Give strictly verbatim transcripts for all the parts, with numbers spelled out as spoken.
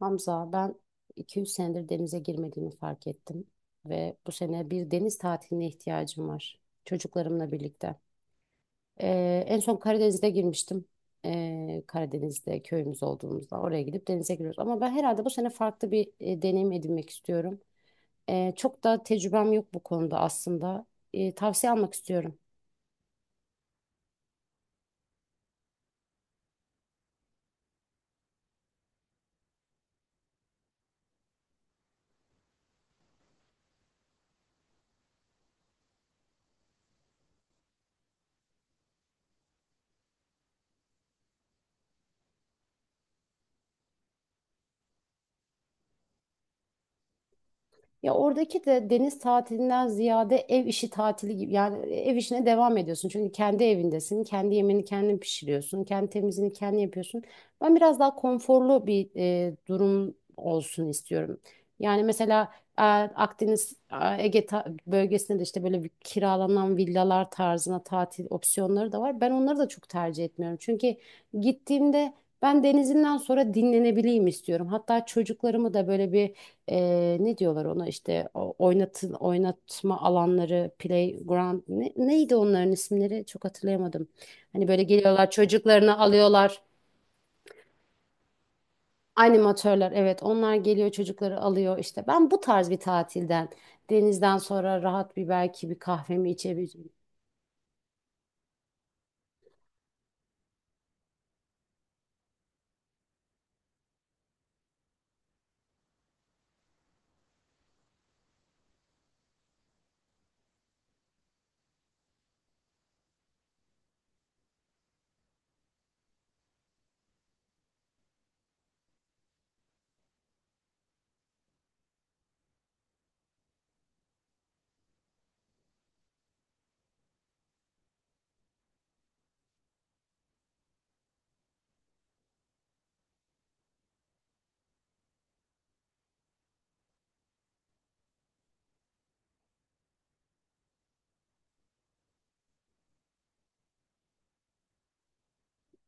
Hamza, ben iki üç senedir denize girmediğimi fark ettim ve bu sene bir deniz tatiline ihtiyacım var çocuklarımla birlikte. Ee, en son Karadeniz'de girmiştim. Ee, Karadeniz'de köyümüz olduğumuzda oraya gidip denize giriyoruz. Ama ben herhalde bu sene farklı bir e, deneyim edinmek istiyorum. Ee, çok da tecrübem yok bu konuda aslında. Ee, tavsiye almak istiyorum. Ya oradaki de deniz tatilinden ziyade ev işi tatili gibi, yani ev işine devam ediyorsun. Çünkü kendi evindesin, kendi yemeğini kendin pişiriyorsun, kendi temizliğini kendin yapıyorsun. Ben biraz daha konforlu bir e, durum olsun istiyorum. Yani mesela e, Akdeniz, e, Ege ta- bölgesinde de işte böyle bir kiralanan villalar tarzına tatil opsiyonları da var. Ben onları da çok tercih etmiyorum. Çünkü gittiğimde ben denizinden sonra dinlenebileyim istiyorum. Hatta çocuklarımı da böyle bir ee, ne diyorlar ona, işte o- oynatın oynatma alanları, playground, ne, neydi onların isimleri, çok hatırlayamadım. Hani böyle geliyorlar, çocuklarını alıyorlar. Animatörler, evet, onlar geliyor çocukları alıyor. İşte ben bu tarz bir tatilden, denizden sonra rahat bir, belki bir kahvemi içebilirim.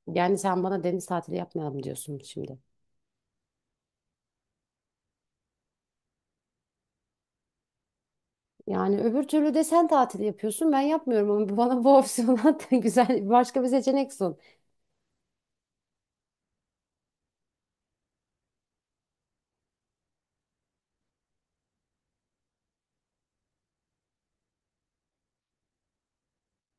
Yani sen bana deniz tatili yapmayalım diyorsun şimdi. Yani öbür türlü de sen tatil yapıyorsun, ben yapmıyorum, ama bana bu opsiyonu güzel, başka bir seçenek sun.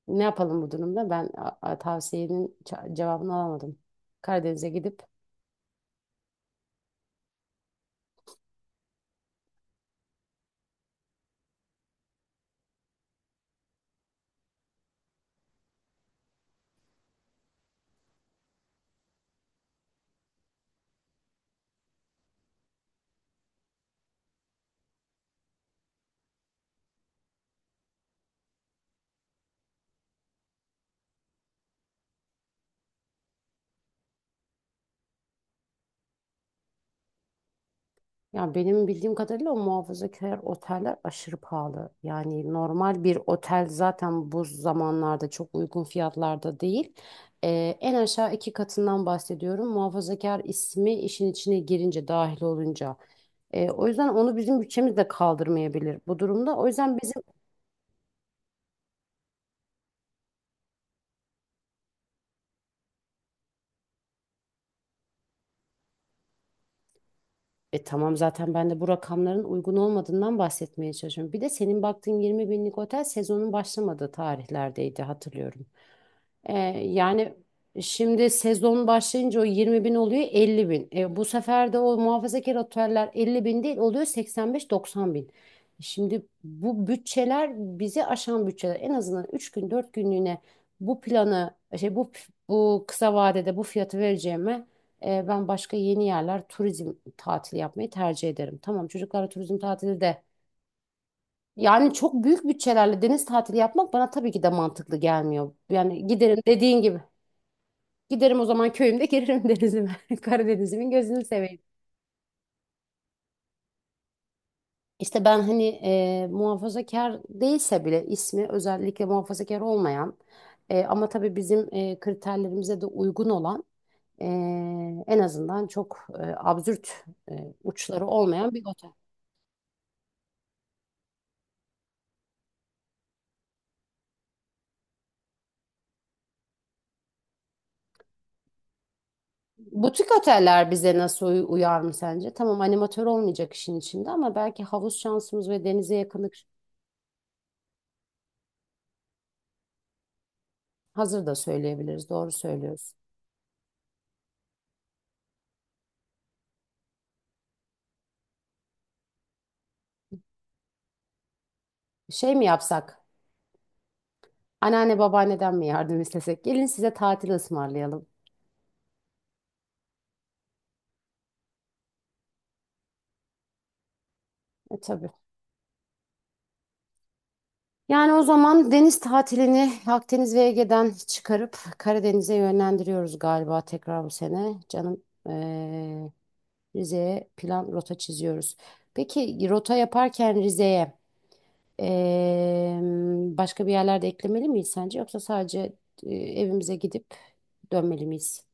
Ne yapalım bu durumda? Ben a- a- tavsiyenin ça- cevabını alamadım. Karadeniz'e gidip, ya benim bildiğim kadarıyla o muhafazakar oteller aşırı pahalı. Yani normal bir otel zaten bu zamanlarda çok uygun fiyatlarda değil. Ee, en aşağı iki katından bahsediyorum. Muhafazakar ismi işin içine girince, dahil olunca. Ee, o yüzden onu bizim bütçemiz de kaldırmayabilir bu durumda. O yüzden bizim, E tamam, zaten ben de bu rakamların uygun olmadığından bahsetmeye çalışıyorum. Bir de senin baktığın yirmi binlik otel sezonun başlamadığı tarihlerdeydi, hatırlıyorum. Ee, yani şimdi sezon başlayınca o yirmi bin oluyor elli bin. E, bu sefer de o muhafazakar oteller elli bin değil oluyor seksen beş doksan bin. Şimdi bu bütçeler bizi aşan bütçeler. En azından üç gün, dört günlüğüne bu planı şey bu bu kısa vadede bu fiyatı vereceğime, e, ben başka yeni yerler, turizm tatili yapmayı tercih ederim. Tamam, çocuklarla turizm tatili de, yani çok büyük bütçelerle deniz tatili yapmak bana tabii ki de mantıklı gelmiyor. Yani giderim, dediğin gibi. Giderim o zaman, köyümde girerim denizime. Karadeniz'imin gözünü seveyim. İşte ben hani, e, muhafazakar değilse bile ismi özellikle muhafazakar olmayan, e, ama tabii bizim e, kriterlerimize de uygun olan, e, en azından çok e, absürt e, uçları olmayan bir otel. Butik oteller bize nasıl uy- uyar mı sence? Tamam, animatör olmayacak işin içinde ama belki havuz şansımız ve denize yakınlık hazır da söyleyebiliriz. Doğru söylüyorsun. Şey mi yapsak? Anneanne, babaanneden mi yardım istesek? Gelin size tatil ısmarlayalım. E tabii. Yani o zaman deniz tatilini Akdeniz ve Ege'den çıkarıp Karadeniz'e yönlendiriyoruz galiba tekrar bu sene. Canım, eee, Rize'ye plan, rota çiziyoruz. Peki rota yaparken Rize'ye, eee, başka bir yerlerde eklemeli miyiz sence? Yoksa sadece eee, evimize gidip dönmeli miyiz?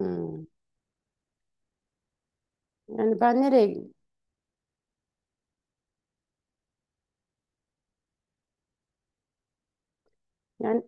Hmm. Yani ben nereye, yani.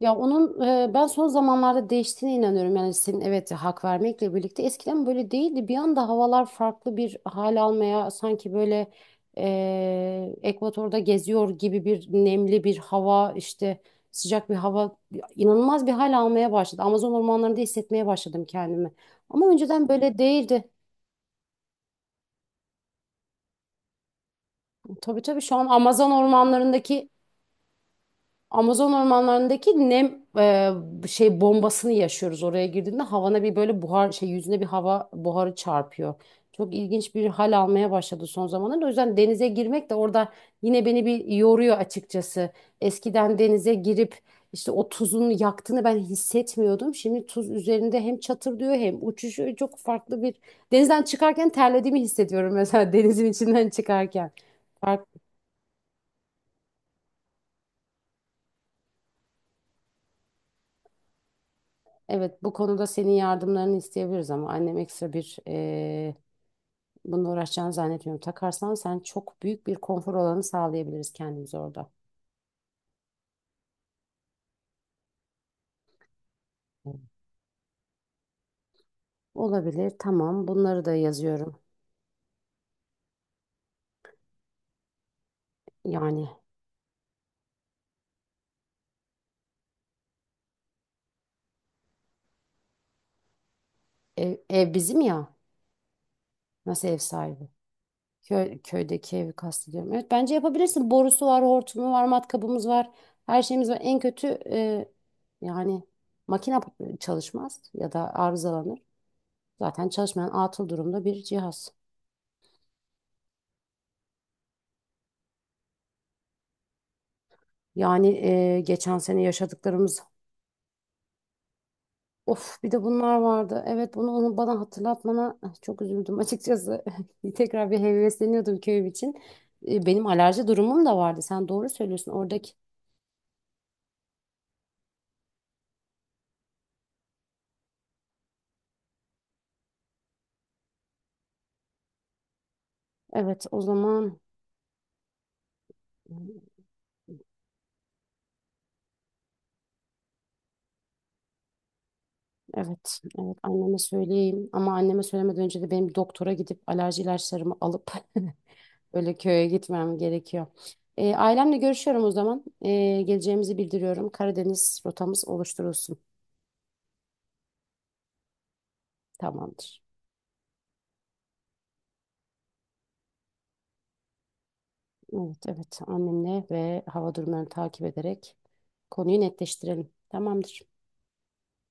Ya onun, e, ben son zamanlarda değiştiğine inanıyorum. Yani senin, evet, hak vermekle birlikte, eskiden böyle değildi. Bir anda havalar farklı bir hal almaya, sanki böyle e, Ekvator'da geziyor gibi, bir nemli bir hava, işte sıcak bir hava, inanılmaz bir hal almaya başladı. Amazon ormanlarında hissetmeye başladım kendimi. Ama önceden böyle değildi. Tabii, tabii, şu an Amazon ormanlarındaki Amazon ormanlarındaki nem, e, şey bombasını yaşıyoruz. Oraya girdiğinde havana bir böyle buhar, şey, yüzüne bir hava buharı çarpıyor. Çok ilginç bir hal almaya başladı son zamanlarda. O yüzden denize girmek de orada yine beni bir yoruyor, açıkçası. Eskiden denize girip işte o tuzun yaktığını ben hissetmiyordum. Şimdi tuz üzerinde hem çatırdıyor hem uçuşuyor. Çok farklı bir, denizden çıkarken terlediğimi hissediyorum mesela denizin içinden çıkarken. Evet, bu konuda senin yardımlarını isteyebiliriz ama annem ekstra bir eee bununla uğraşacağını zannetmiyorum. Takarsan sen, çok büyük bir konfor alanı sağlayabiliriz kendimize orada. Evet. Olabilir, tamam. Bunları da yazıyorum. Yani ev, ev bizim ya. Nasıl ev sahibi? Köy, köydeki evi kastediyorum. Evet, bence yapabilirsin. Borusu var, hortumu var, matkabımız var. Her şeyimiz var. En kötü, eee, yani makine çalışmaz ya da arızalanır. Zaten çalışmayan, atıl durumda bir cihaz. Yani, e, geçen sene yaşadıklarımız. Of, bir de bunlar vardı. Evet, bunu, onu bana hatırlatmana eh, çok üzüldüm açıkçası. Tekrar bir hevesleniyordum köyüm için. E, benim alerji durumum da vardı. Sen doğru söylüyorsun oradaki. Evet, o zaman, evet, evet, anneme söyleyeyim. Ama anneme söylemeden önce de benim bir doktora gidip alerji ilaçlarımı alıp öyle köye gitmem gerekiyor. E, ailemle görüşüyorum o zaman. E, geleceğimizi bildiriyorum. Karadeniz rotamız oluşturulsun. Tamamdır. Evet, evet. Annemle ve hava durumlarını takip ederek konuyu netleştirelim. Tamamdır.